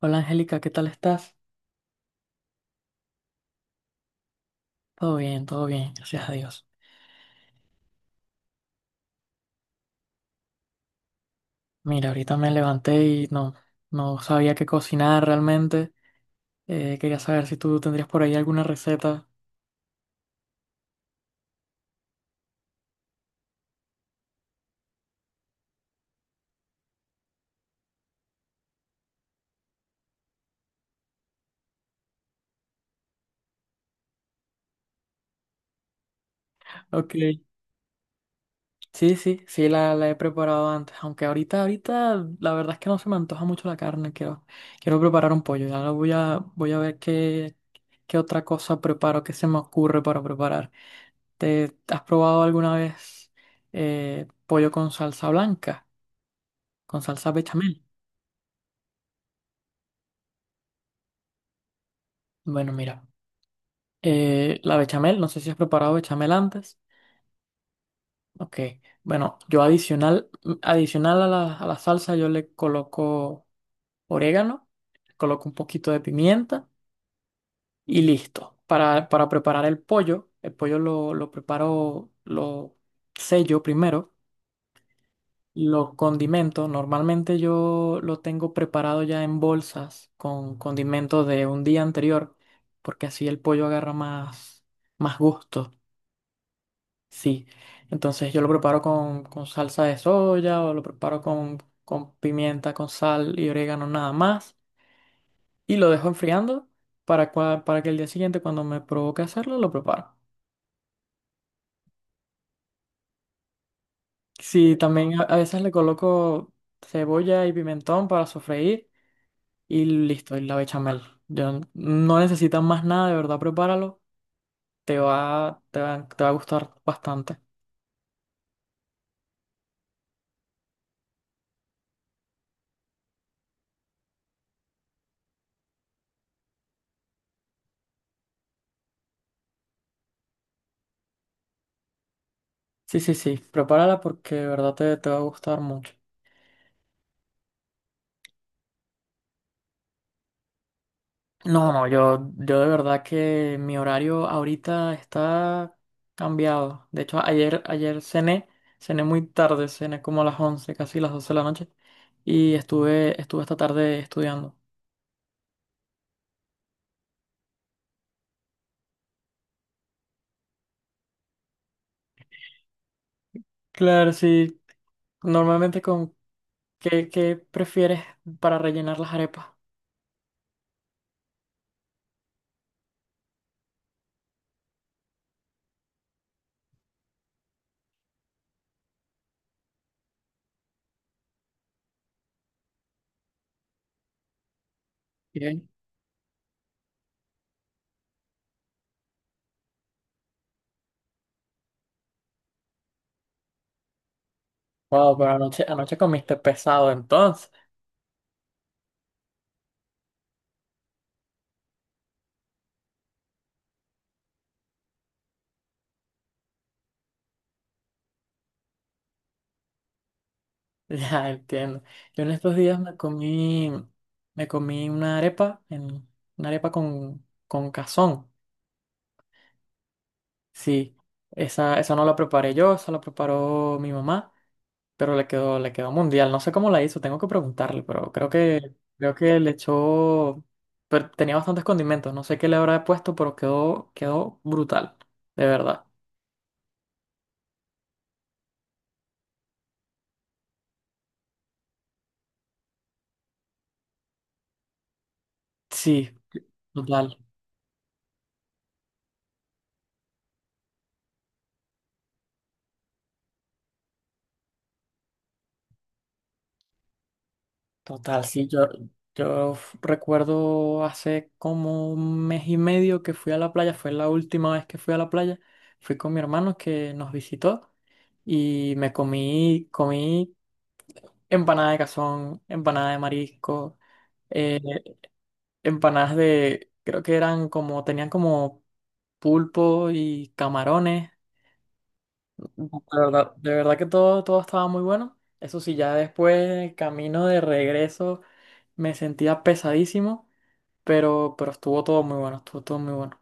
Hola, Angélica, ¿qué tal estás? Todo bien, gracias a Dios. Mira, ahorita me levanté y no sabía qué cocinar realmente. Quería saber si tú tendrías por ahí alguna receta. Ok. Sí, sí, sí, la he preparado antes, aunque ahorita la verdad es que no se me antoja mucho la carne. Quiero preparar un pollo. Ya voy a ver qué otra cosa preparo, qué se me ocurre para preparar. ¿Te has probado alguna vez pollo con salsa blanca, con salsa bechamel? Bueno, mira, la bechamel, no sé si has preparado bechamel antes. Ok, bueno, adicional a a la salsa yo le coloco orégano, coloco un poquito de pimienta y listo. Para preparar el pollo, lo preparo, lo sello primero, lo condimento. Normalmente yo lo tengo preparado ya en bolsas con condimentos de un día anterior, porque así el pollo agarra más gusto. Sí, entonces yo lo preparo con salsa de soya o lo preparo con pimienta, con sal y orégano nada más y lo dejo enfriando para, para que el día siguiente cuando me provoque hacerlo lo preparo. Sí, también a veces le coloco cebolla y pimentón para sofreír y listo, y la bechamel. Yo, no necesitas más nada, de verdad, prepáralo, te va a gustar bastante. Sí, sí, sí, prepárala porque de verdad te va a gustar mucho. No, no, yo de verdad que mi horario ahorita está cambiado. De hecho, ayer cené, cené muy tarde, cené como a las 11, casi las 12 de la noche, y estuve esta tarde estudiando. Claro, sí, normalmente con qué prefieres para rellenar las arepas? Bien. Wow, pero anoche comiste pesado entonces. Ya entiendo. Yo en estos días me comí una arepa, en, una arepa con cazón. Sí, esa no la preparé yo, esa la preparó mi mamá, pero le quedó mundial. No sé cómo la hizo, tengo que preguntarle, pero creo que le echó, pero tenía bastantes condimentos, no sé qué le habrá puesto, pero quedó brutal, de verdad. Sí, total, total, sí, yo, recuerdo hace como un mes y medio que fui a la playa, fue la última vez que fui a la playa, fui con mi hermano que nos visitó y me comí, comí. Empanada de cazón, empanada de marisco, eh, empanadas de, creo que eran como, tenían como pulpo y camarones. De de verdad que todo, todo estaba muy bueno. Eso sí, ya después, el camino de regreso, me sentía pesadísimo, pero estuvo todo muy bueno, estuvo todo muy bueno.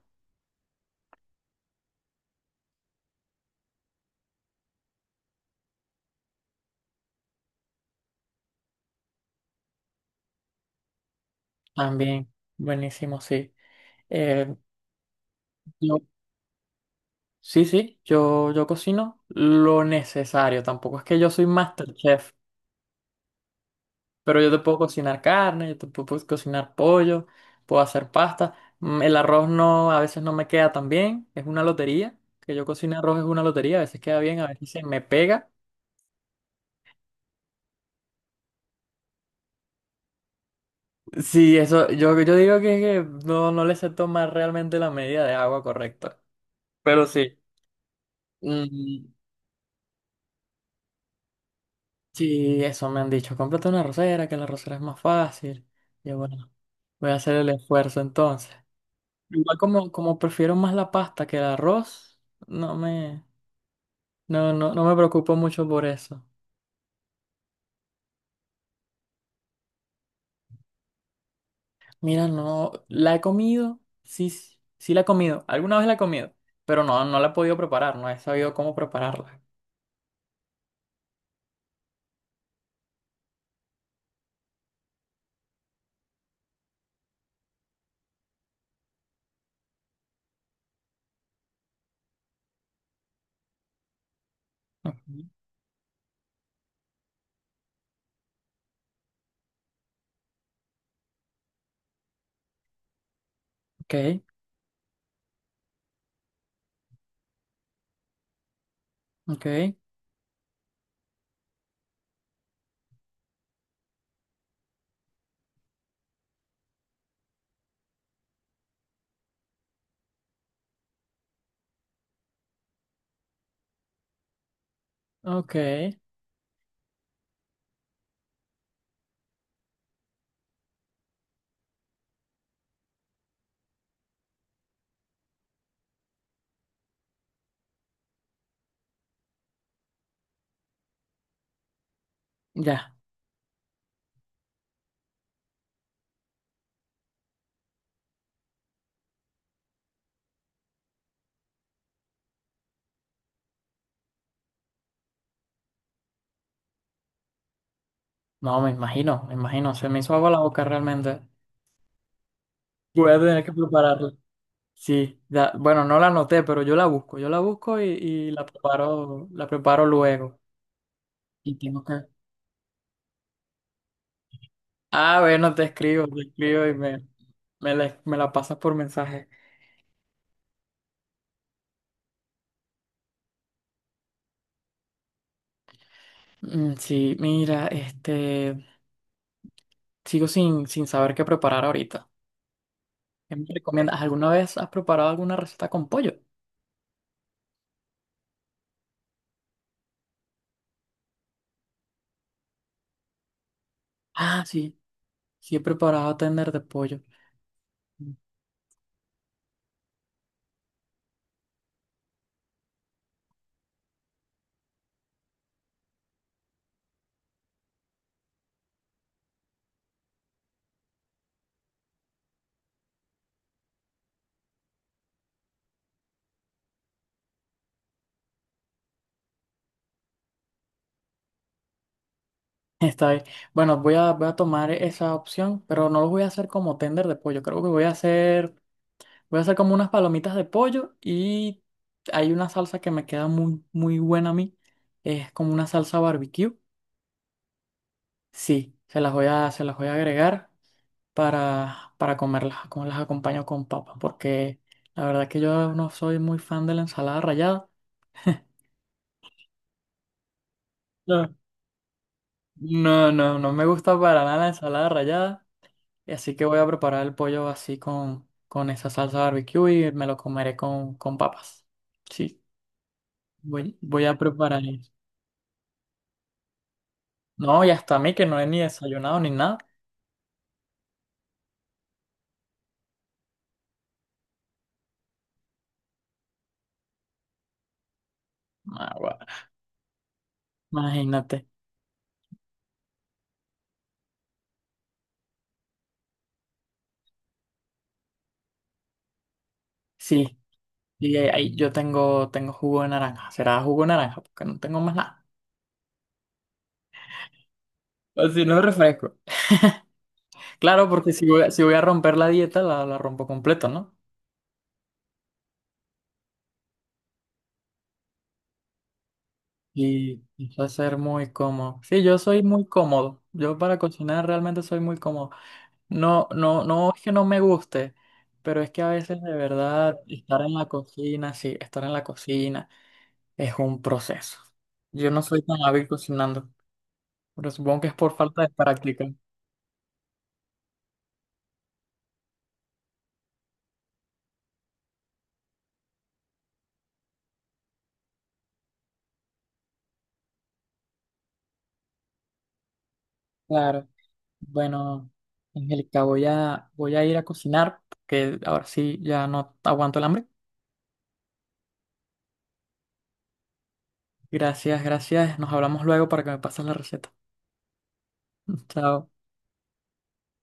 También, buenísimo, sí. Eh, yo, sí, sí, yo cocino lo necesario, tampoco es que yo soy MasterChef. Pero yo te puedo cocinar carne, yo te puedo pues, cocinar pollo, puedo hacer pasta. Mm. El arroz no, a veces no me queda tan bien, es una lotería. Que yo cocine arroz es una lotería, a veces queda bien, a veces se me pega. Sí, eso, yo digo que no, no le sé tomar realmente la medida de agua correcta. Pero sí. mm, sí, eso me han dicho. Cómprate una arrocera, que la arrocera es más fácil. Y yo, bueno, voy a hacer el esfuerzo entonces. Igual como, como prefiero más la pasta que el arroz, no me. No, no me preocupo mucho por eso. Mira, no, la he comido, sí, sí sí la he comido, alguna vez la he comido, pero no, no la he podido preparar, no he sabido cómo prepararla. Ujú. Ok, ok, ok, ya. No, me imagino, se me hizo agua la boca realmente. Voy a tener que prepararla. Sí, ya, bueno, no la anoté, pero yo la busco y la preparo luego. Y tengo que... Ah, bueno, te escribo, me me la pasas por mensaje. Mm, sí, mira, este, sigo sin, sin saber qué preparar ahorita. ¿Qué me recomiendas? ¿Alguna vez has preparado alguna receta con pollo? Ah, sí, sí he preparado tender de pollo. Mm. Está bien. Bueno, voy a tomar esa opción, pero no lo voy a hacer como tender de pollo. Creo que voy a hacer como unas palomitas de pollo y hay una salsa que me queda muy buena a mí. Es como una salsa barbecue. Sí, se las voy a agregar. Para comerlas, como las acompaño con papas porque la verdad que yo no soy muy fan de la ensalada rallada. No. No, no, no me gusta para nada la ensalada rallada, y así que voy a preparar el pollo así con esa salsa barbecue y me lo comeré con papas. Sí, voy, voy a preparar eso. No, y hasta a mí que no he ni desayunado ni nada. Ah, bueno, imagínate. Sí, y ahí ahí yo tengo, tengo jugo de naranja. Será jugo de naranja, porque no tengo más nada. O si no, refresco. Claro, porque si voy a, si voy a romper la dieta, la rompo completo, ¿no? Y va a ser muy cómodo. Sí, yo soy muy cómodo. Yo para cocinar realmente soy muy cómodo. No, no, no es que no me guste, pero es que a veces de verdad estar en la cocina, sí, estar en la cocina es un proceso. Yo no soy tan hábil cocinando, pero supongo que es por falta de práctica. Claro. Bueno, Angélica, voy a ir a cocinar, porque ahora sí ya no aguanto el hambre. Gracias, gracias. Nos hablamos luego para que me pases la receta. Chao.